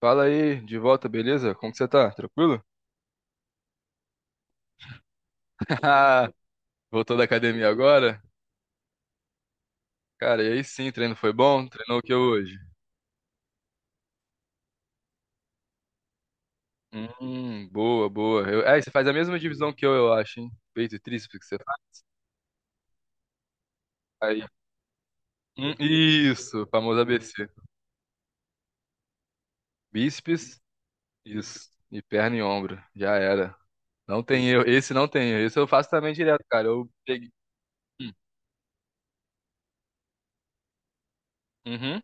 Fala aí, de volta, beleza? Como que você tá? Tranquilo? Haha, voltou da academia agora? Cara, e aí sim, treino foi bom? Treinou o que hoje? Boa, boa. Você faz a mesma divisão que eu acho, hein? Peito e tríceps que você faz. Aí. Isso, famoso ABC. Bíceps, isso. E perna e ombro. Já era. Não tem erro. Esse não tem erro. Esse eu faço também direto, cara. Eu peguei. Hum. Uhum.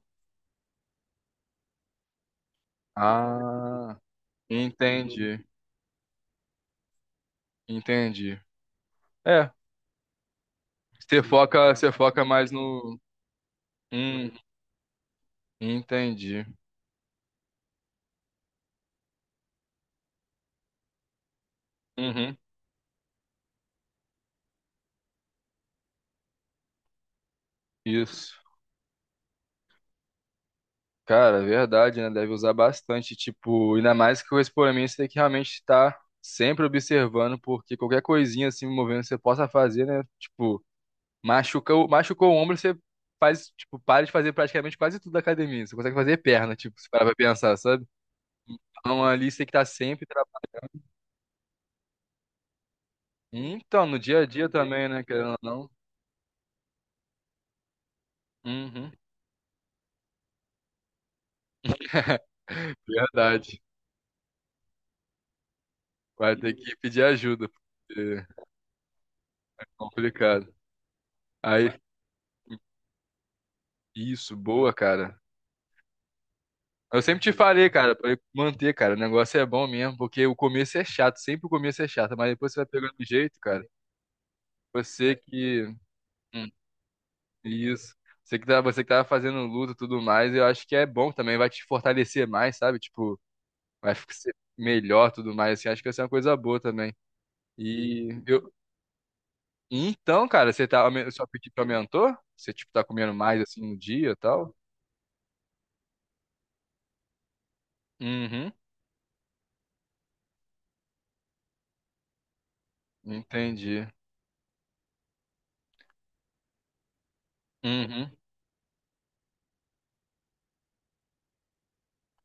Ah, entendi. Entendi. É. Você foca mais no. Hum, entendi. Uhum. Isso. Cara, é verdade, né? Deve usar bastante. Tipo, ainda mais que o expoente tem que realmente estar sempre observando, porque qualquer coisinha assim movendo você possa fazer, né? Tipo, machucou o ombro, você faz, tipo, para de fazer praticamente quase tudo da academia. Você consegue fazer perna, tipo, se parar pra pensar, sabe? Então ali você tem que estar sempre. Então, no dia a dia também, né? Querendo ou não. Uhum. Verdade. Vai ter que pedir ajuda, porque é complicado. Aí, isso, boa, cara. Eu sempre te falei, cara, pra manter, cara. O negócio é bom mesmo, porque o começo é chato, sempre o começo é chato, mas depois você vai pegando o jeito, cara. Você que. Hum, isso. Você que tava fazendo luta e tudo mais, eu acho que é bom também, vai te fortalecer mais, sabe? Tipo, vai ficar ser melhor tudo mais, assim, acho que vai ser uma coisa boa também. E eu. Então, cara, você tá. Seu apetite aumentou? Você, tipo, tá comendo mais assim no dia e tal? Uhum, entendi. Uhum.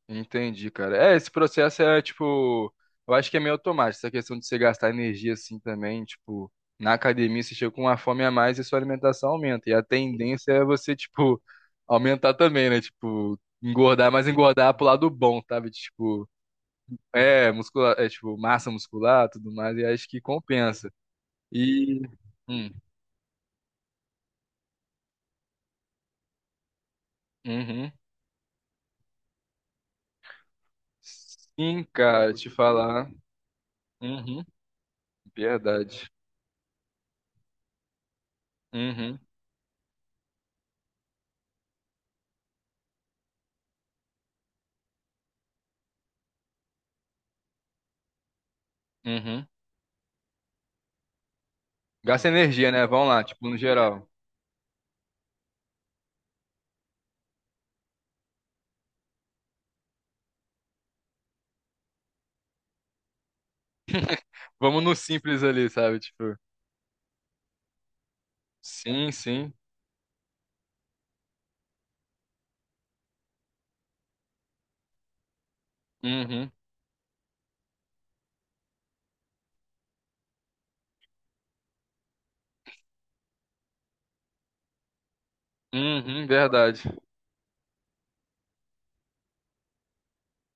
Entendi, cara. É, esse processo é tipo, eu acho que é meio automático, essa questão de você gastar energia assim também, tipo, na academia você chega com uma fome a mais e sua alimentação aumenta. E a tendência é você, tipo, aumentar também, né? Tipo, engordar, mas engordar pro lado bom, sabe? Tipo, é, muscular, é tipo, massa muscular, tudo mais, e acho que compensa. E hum, uhum. Sim, cara, te falar. Uhum, verdade. Uhum. Uhum. Gasta energia, né? Vamos lá, tipo, no geral. Vamos no simples ali, sabe? Tipo, sim, sim. Uhum. Uhum, verdade.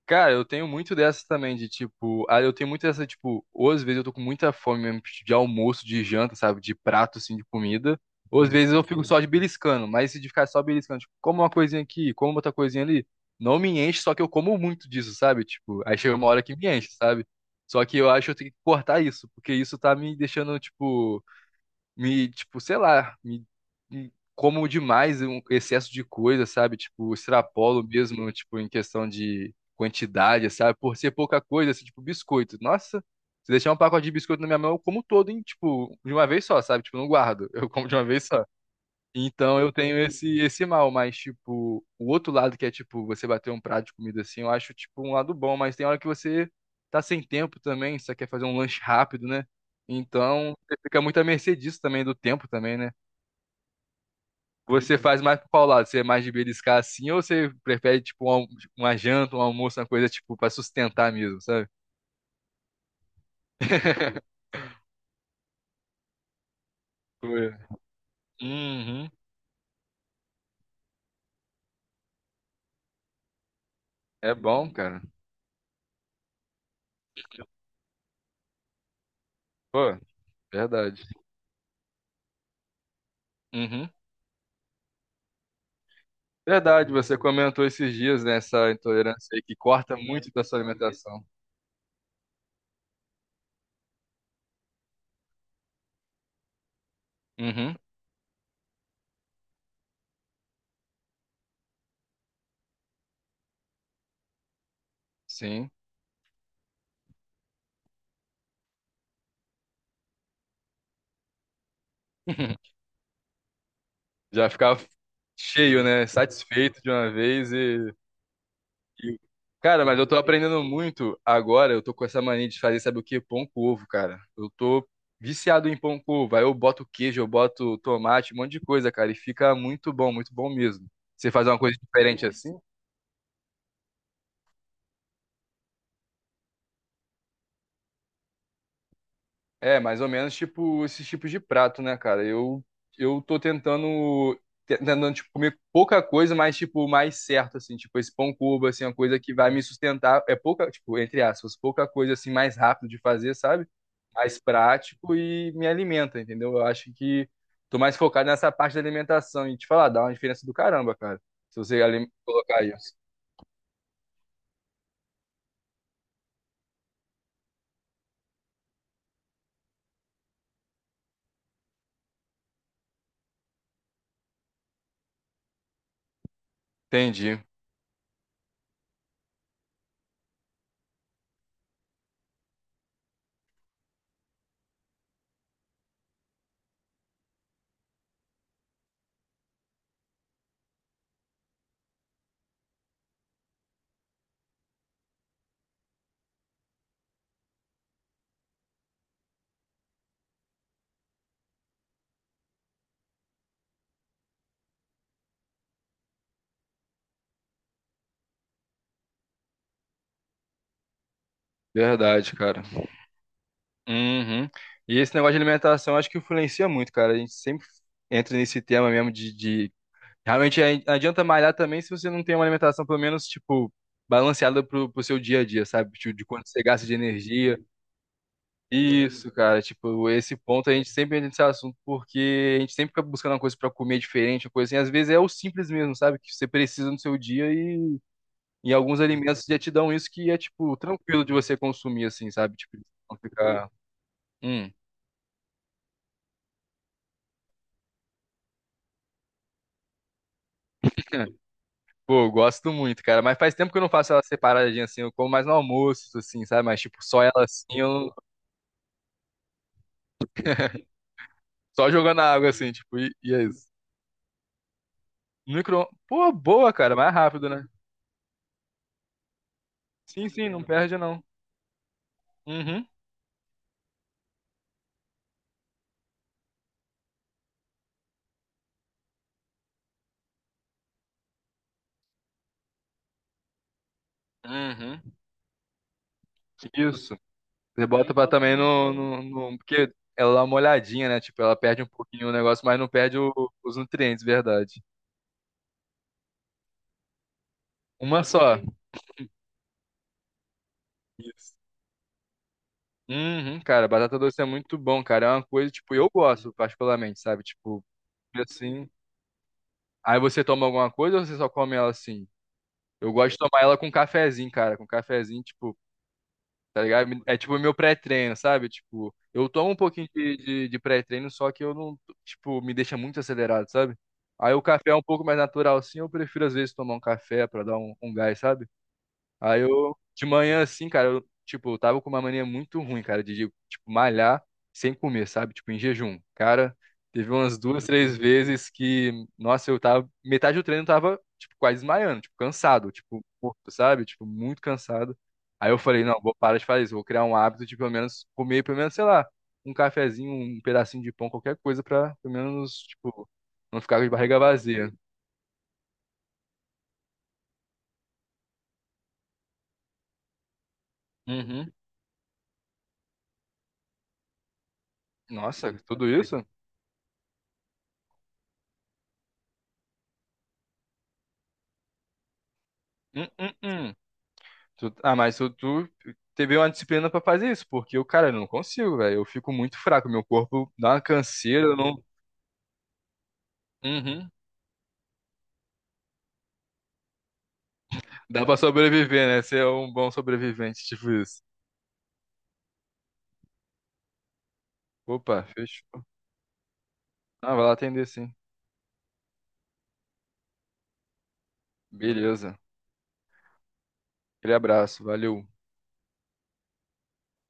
Cara, eu tenho muito dessa também, de tipo, ah, eu tenho muito dessa, tipo, ou às vezes eu tô com muita fome mesmo tipo, de almoço, de janta, sabe? De prato, assim, de comida. Ou às vezes eu fico só de beliscando, mas se de ficar só beliscando, tipo, como uma coisinha aqui, como outra coisinha ali, não me enche, só que eu como muito disso, sabe? Tipo, aí chega uma hora que me enche, sabe? Só que eu acho que eu tenho que cortar isso, porque isso tá me deixando, tipo. Me, tipo, sei lá, me como demais um excesso de coisa, sabe? Tipo, extrapolo mesmo, tipo, em questão de quantidade, sabe? Por ser pouca coisa, assim, tipo, biscoito. Nossa, se deixar um pacote de biscoito na minha mão, eu como todo, hein? Tipo, de uma vez só, sabe? Tipo, eu não guardo, eu como de uma vez só. Então eu tenho esse mal, mas tipo, o outro lado que é tipo você bater um prato de comida assim, eu acho tipo um lado bom, mas tem hora que você tá sem tempo também, você quer fazer um lanche rápido, né? Então você fica muito à mercê disso também do tempo também, né? Você faz mais pro qual lado? Você é mais de beliscar assim ou você prefere tipo um uma janta, um almoço, uma coisa tipo pra sustentar mesmo, sabe? Pô, uhum. É bom, cara. Pô, verdade. Uhum. Verdade, você comentou esses dias nessa intolerância aí que corta muito da sua alimentação. Uhum, sim. Já ficava cheio, né? Satisfeito de uma vez e, e- cara, mas eu tô aprendendo muito agora. Eu tô com essa mania de fazer, sabe o quê? Pão com ovo, cara. Eu tô viciado em pão com ovo. Aí eu boto queijo, eu boto tomate, um monte de coisa, cara. E fica muito bom mesmo. Você faz uma coisa diferente assim? É, mais ou menos tipo esses tipos de prato, né, cara? Eu tô tentando tipo comer pouca coisa, mas tipo mais certo assim, tipo esse pão cuba assim, é uma coisa que vai me sustentar, é pouca, tipo, entre aspas, pouca coisa assim mais rápido de fazer, sabe? Mais prático e me alimenta, entendeu? Eu acho que tô mais focado nessa parte da alimentação e te falar, dá uma diferença do caramba, cara. Se você colocar isso. Entendi. Verdade, cara. Uhum. E esse negócio de alimentação acho que influencia muito, cara. A gente sempre entra nesse tema mesmo de... Realmente não adianta malhar também se você não tem uma alimentação, pelo menos, tipo, balanceada pro seu dia a dia, sabe? Tipo, de quanto você gasta de energia. Isso, cara. Tipo, esse ponto a gente sempre entra nesse assunto porque a gente sempre fica buscando uma coisa pra comer diferente, uma coisa assim. Às vezes é o simples mesmo, sabe? Que você precisa no seu dia e alguns alimentos já te dão isso que é, tipo, tranquilo de você consumir, assim, sabe? Tipo, não ficar. Hum. Pô, eu gosto muito, cara. Mas faz tempo que eu não faço ela separadinha assim. Eu como mais no almoço, assim, sabe? Mas, tipo, só ela assim, eu não- só jogando na água, assim, tipo, e é isso. Micro. Pô, boa, cara. Mais rápido, né? Sim, sim, não perde, não. Uhum. Uhum. Isso. Você bota pra também no, no, no- Porque ela dá uma olhadinha, né? Tipo, ela perde um pouquinho o negócio, mas não perde os nutrientes, verdade. Uma só. Isso. Uhum, cara, batata doce é muito bom, cara. É uma coisa, tipo, eu gosto particularmente, sabe? Tipo, assim. Aí você toma alguma coisa ou você só come ela assim? Eu gosto de tomar ela com cafezinho, cara. Com cafezinho, tipo, tá ligado? É tipo o meu pré-treino, sabe? Tipo, eu tomo um pouquinho de pré-treino, só que eu não, tipo, me deixa muito acelerado, sabe? Aí o café é um pouco mais natural, sim. Eu prefiro, às vezes, tomar um café pra dar um, um gás, sabe? Aí eu, de manhã, assim, cara, eu, tipo, eu tava com uma mania muito ruim, cara, tipo, malhar sem comer, sabe? Tipo, em jejum. Cara, teve umas duas, três vezes que, nossa, eu tava, metade do treino eu tava, tipo, quase desmaiando, tipo, cansado, tipo, morto, sabe? Tipo, muito cansado. Aí eu falei, não, vou parar de fazer isso, vou criar um hábito de pelo menos comer, pelo menos, sei lá, um cafezinho, um pedacinho de pão, qualquer coisa pra, pelo menos, tipo, não ficar de barriga vazia. Uhum. Nossa, tudo isso? Hum, hum, hum. Mas tu teve uma disciplina pra fazer isso, porque eu, cara, eu não consigo, velho. Eu fico muito fraco, meu corpo dá uma canseira, eu não. Uhum. Dá pra sobreviver, né? Você é um bom sobrevivente, tipo isso. Opa, fechou. Ah, vai lá atender sim. Beleza. Aquele abraço, valeu.